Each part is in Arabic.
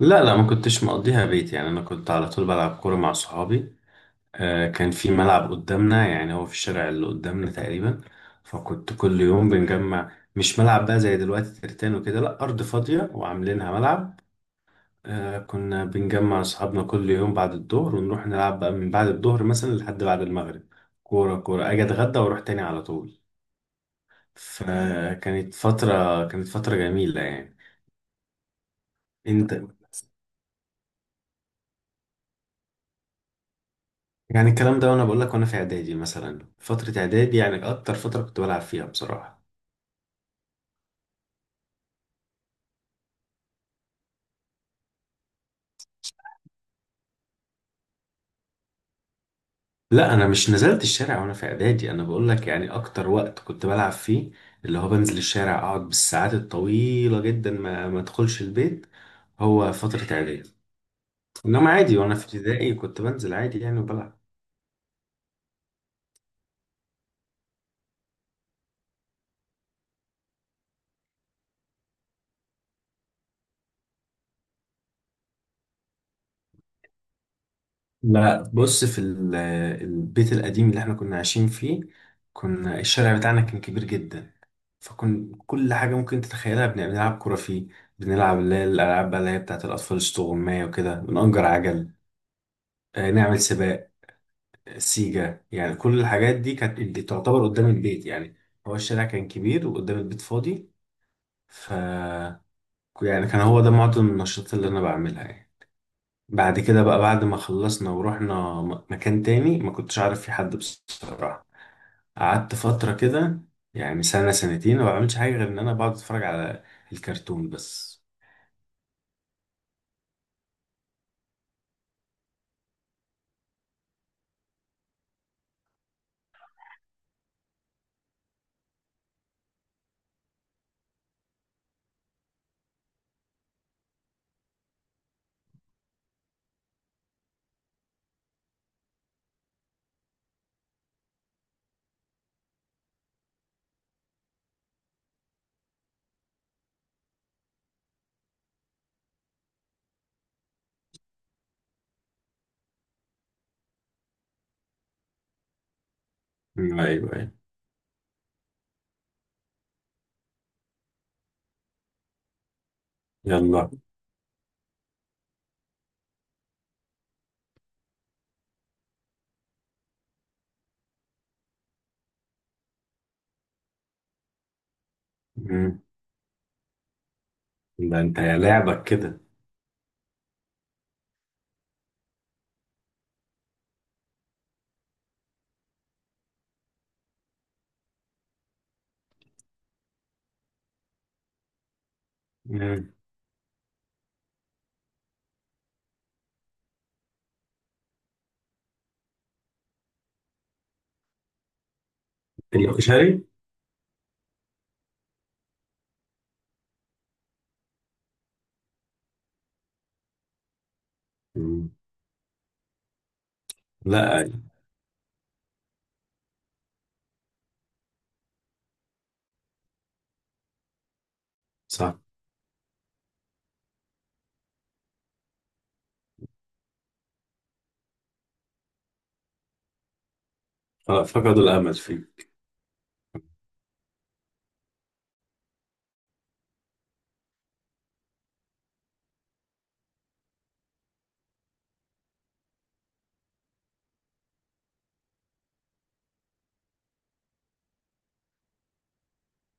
لا لا، ما كنتش مقضيها بيت. يعني انا كنت على طول بلعب كوره مع صحابي. آه، كان في ملعب قدامنا، يعني هو في الشارع اللي قدامنا تقريبا. فكنت كل يوم بنجمع، مش ملعب بقى زي دلوقتي ترتان وكده، لا ارض فاضيه وعاملينها ملعب. آه، كنا بنجمع اصحابنا كل يوم بعد الظهر ونروح نلعب بقى من بعد الظهر مثلا لحد بعد المغرب. كوره كوره، اجي اتغدى واروح تاني على طول. فكانت فتره، كانت فتره جميله يعني. انت يعني الكلام ده، وانا بقول لك، وانا في اعدادي مثلا، فتره اعدادي يعني اكتر فتره كنت بلعب فيها بصراحه. لا، انا مش نزلت الشارع وانا في اعدادي، انا بقول لك يعني اكتر وقت كنت بلعب فيه، اللي هو بنزل الشارع اقعد بالساعات الطويله جدا ما ادخلش البيت، هو فتره اعدادي. انما عادي وانا في ابتدائي كنت بنزل عادي يعني وبلعب. لا بص، البيت القديم اللي احنا كنا عايشين فيه، كنا الشارع بتاعنا كان كبير جدا. كل حاجة ممكن تتخيلها بنلعب كرة فيه. بنلعب اللي هي الألعاب بقى، اللي هي بتاعت الأطفال الصغنونة وكده، بنأجر عجل، آه، نعمل سباق، سيجا، يعني كل الحاجات دي كانت دي تعتبر قدام البيت يعني. هو الشارع كان كبير وقدام البيت فاضي. ف يعني كان هو ده معظم النشاطات اللي أنا بعملها يعني. بعد كده بقى، بعد ما خلصنا ورحنا مكان تاني، ما كنتش عارف في حد بصراحة. قعدت فترة كده، يعني سنة سنتين، ما بعملش حاجة غير إن أنا بقعد أتفرج على الكرتون بس. ايوه ايوه. يلا. مم. ده انت يا لعبك كده. مم. الكشري. مم. لا أيوة. صح. خلاص، فقدوا الامل فيه.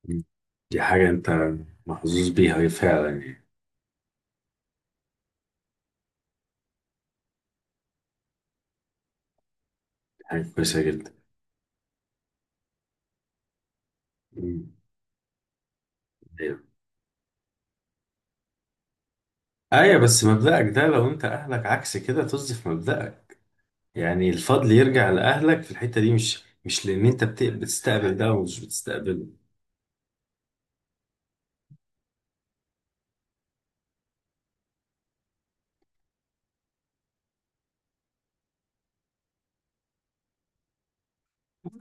مم. دي حاجه انت محظوظ بيها فعلا يعني. دي حاجه كويسه جدا. مم. ايوه ايوه. بس مبدأك ده، لو انت اهلك عكس كده طز في مبدأك. يعني الفضل يرجع لاهلك في الحته دي، مش لان انت بتستقبل ده ومش بتستقبله.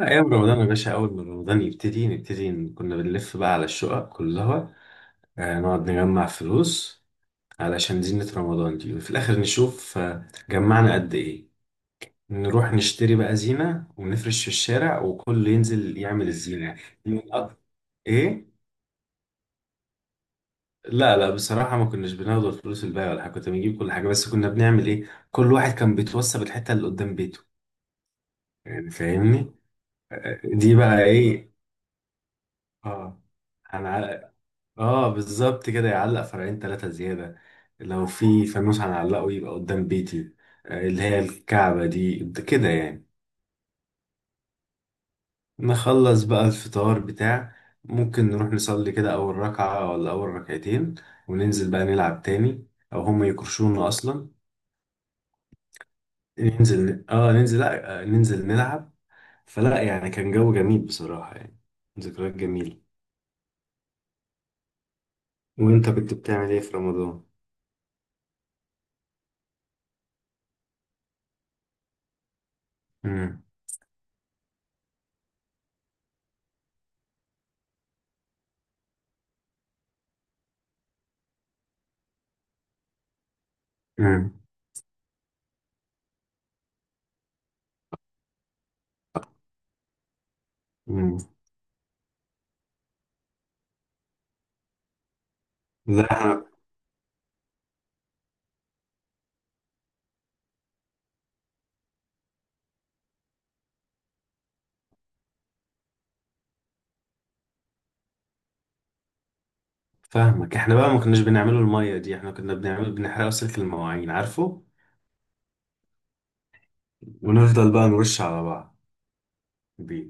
ايام رمضان يا باشا، اول ما رمضان يبتدي نبتدي كنا بنلف بقى على الشقق كلها، آه، نقعد نجمع فلوس علشان زينة رمضان دي، وفي الآخر نشوف آه، جمعنا قد إيه. نروح نشتري بقى زينة ونفرش في الشارع وكل ينزل يعمل الزينة. من أك- إيه؟ لا لا، بصراحة ما كناش بناخد الفلوس الباقية ولا حاجة، كنا بنجيب كل حاجة. بس كنا بنعمل إيه؟ كل واحد كان بيتوصى بالحتة اللي قدام بيته، يعني فاهمني؟ آه، دي بقى إيه؟ آه. أنا، اه بالظبط كده، يعلق فرعين ثلاثة زيادة. لو في فانوس هنعلقه يبقى قدام بيتي، آه، اللي هي الكعبة دي، ده كده يعني. نخلص بقى الفطار بتاع، ممكن نروح نصلي كده أول ركعة ولا أول ركعتين، وننزل بقى نلعب تاني، أو هما يكرشونا أصلا. ننزل، اه ننزل، لا آه، ننزل نلعب. فلا يعني كان جو جميل بصراحة يعني، ذكريات جميلة. وأنت كنت بتعمل إيه في رمضان؟ امم امم لا فاهمك. احنا بقى ما كناش بنعمله المية دي، احنا كنا بنعمل بنحرقه سلك المواعين، عارفه، ونفضل بقى نرش على بعض بيه،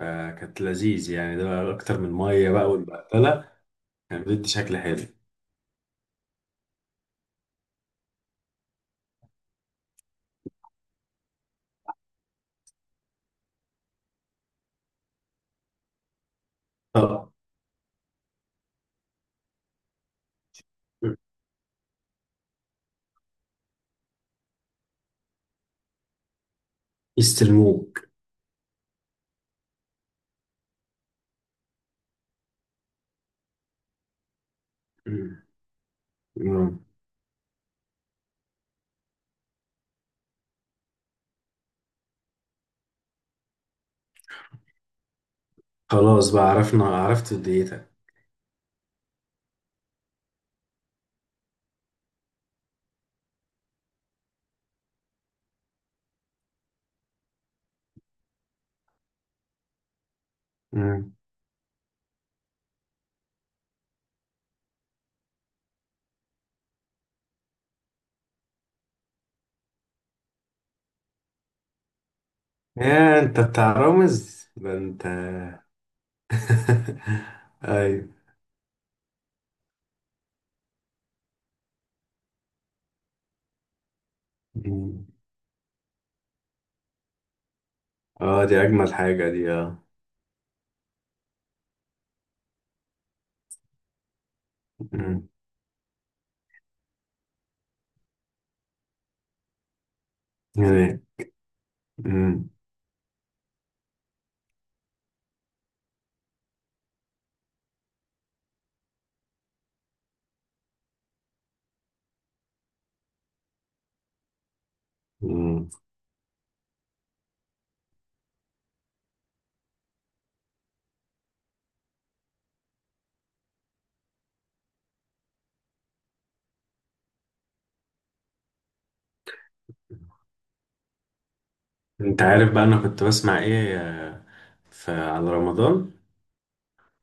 آه كانت لذيذ يعني. ده بقى اكتر من مية بقى والبقتلة، كان بيدي شكل حلو. طب يستلموك. مم. مم. خلاص بقى، عرفنا عرفت ديتك. مم. يا انت بتاع رامز ده انت؟ ايوه. مم. اه دي اجمل حاجة دي، اه. مم. يعني. مم. مم. انت عارف بقى انا كنت بسمع ايه آه، في على رمضان؟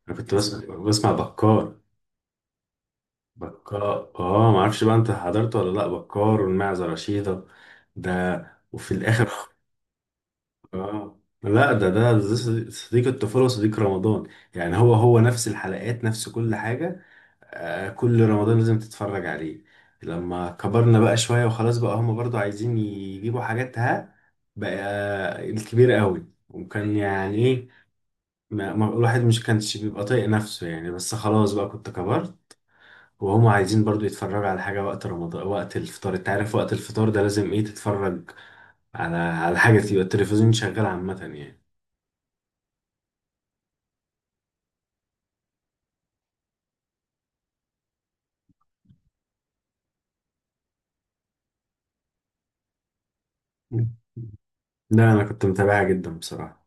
انا كنت بسمع، بكار. بكار، اه ما اعرفش بقى انت حضرته ولا لا، بكار والمعزة رشيدة ده. وفي الاخر اه لا، ده ده صديق، صديق الطفولة وصديق رمضان يعني. هو نفس الحلقات، نفس كل حاجة. آه، كل رمضان لازم تتفرج عليه. لما كبرنا بقى شوية وخلاص بقى، هما برضو عايزين يجيبوا حاجات، ها بقى الكبير قوي، وكان يعني إيه، الواحد مش كانش بيبقى طايق نفسه يعني. بس خلاص بقى، كنت كبرت وهم عايزين برضو يتفرجوا على حاجة وقت رمضان. وقت الفطار، انت عارف وقت الفطار ده لازم ايه، تتفرج على على حاجة، تبقى التلفزيون شغال عامة يعني. لا انا كنت متابعها جدا بصراحة.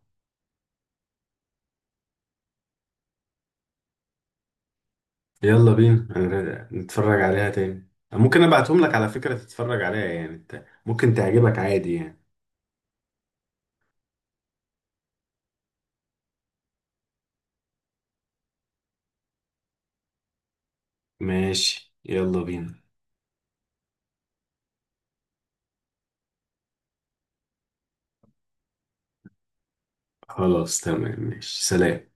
يلا بينا أنا نتفرج عليها تاني. ممكن ابعتهم لك على فكرة، تتفرج عليها، يعني انت ممكن تعجبك عادي يعني. ماشي يلا بينا. خلاص تمام، ماشي سلام.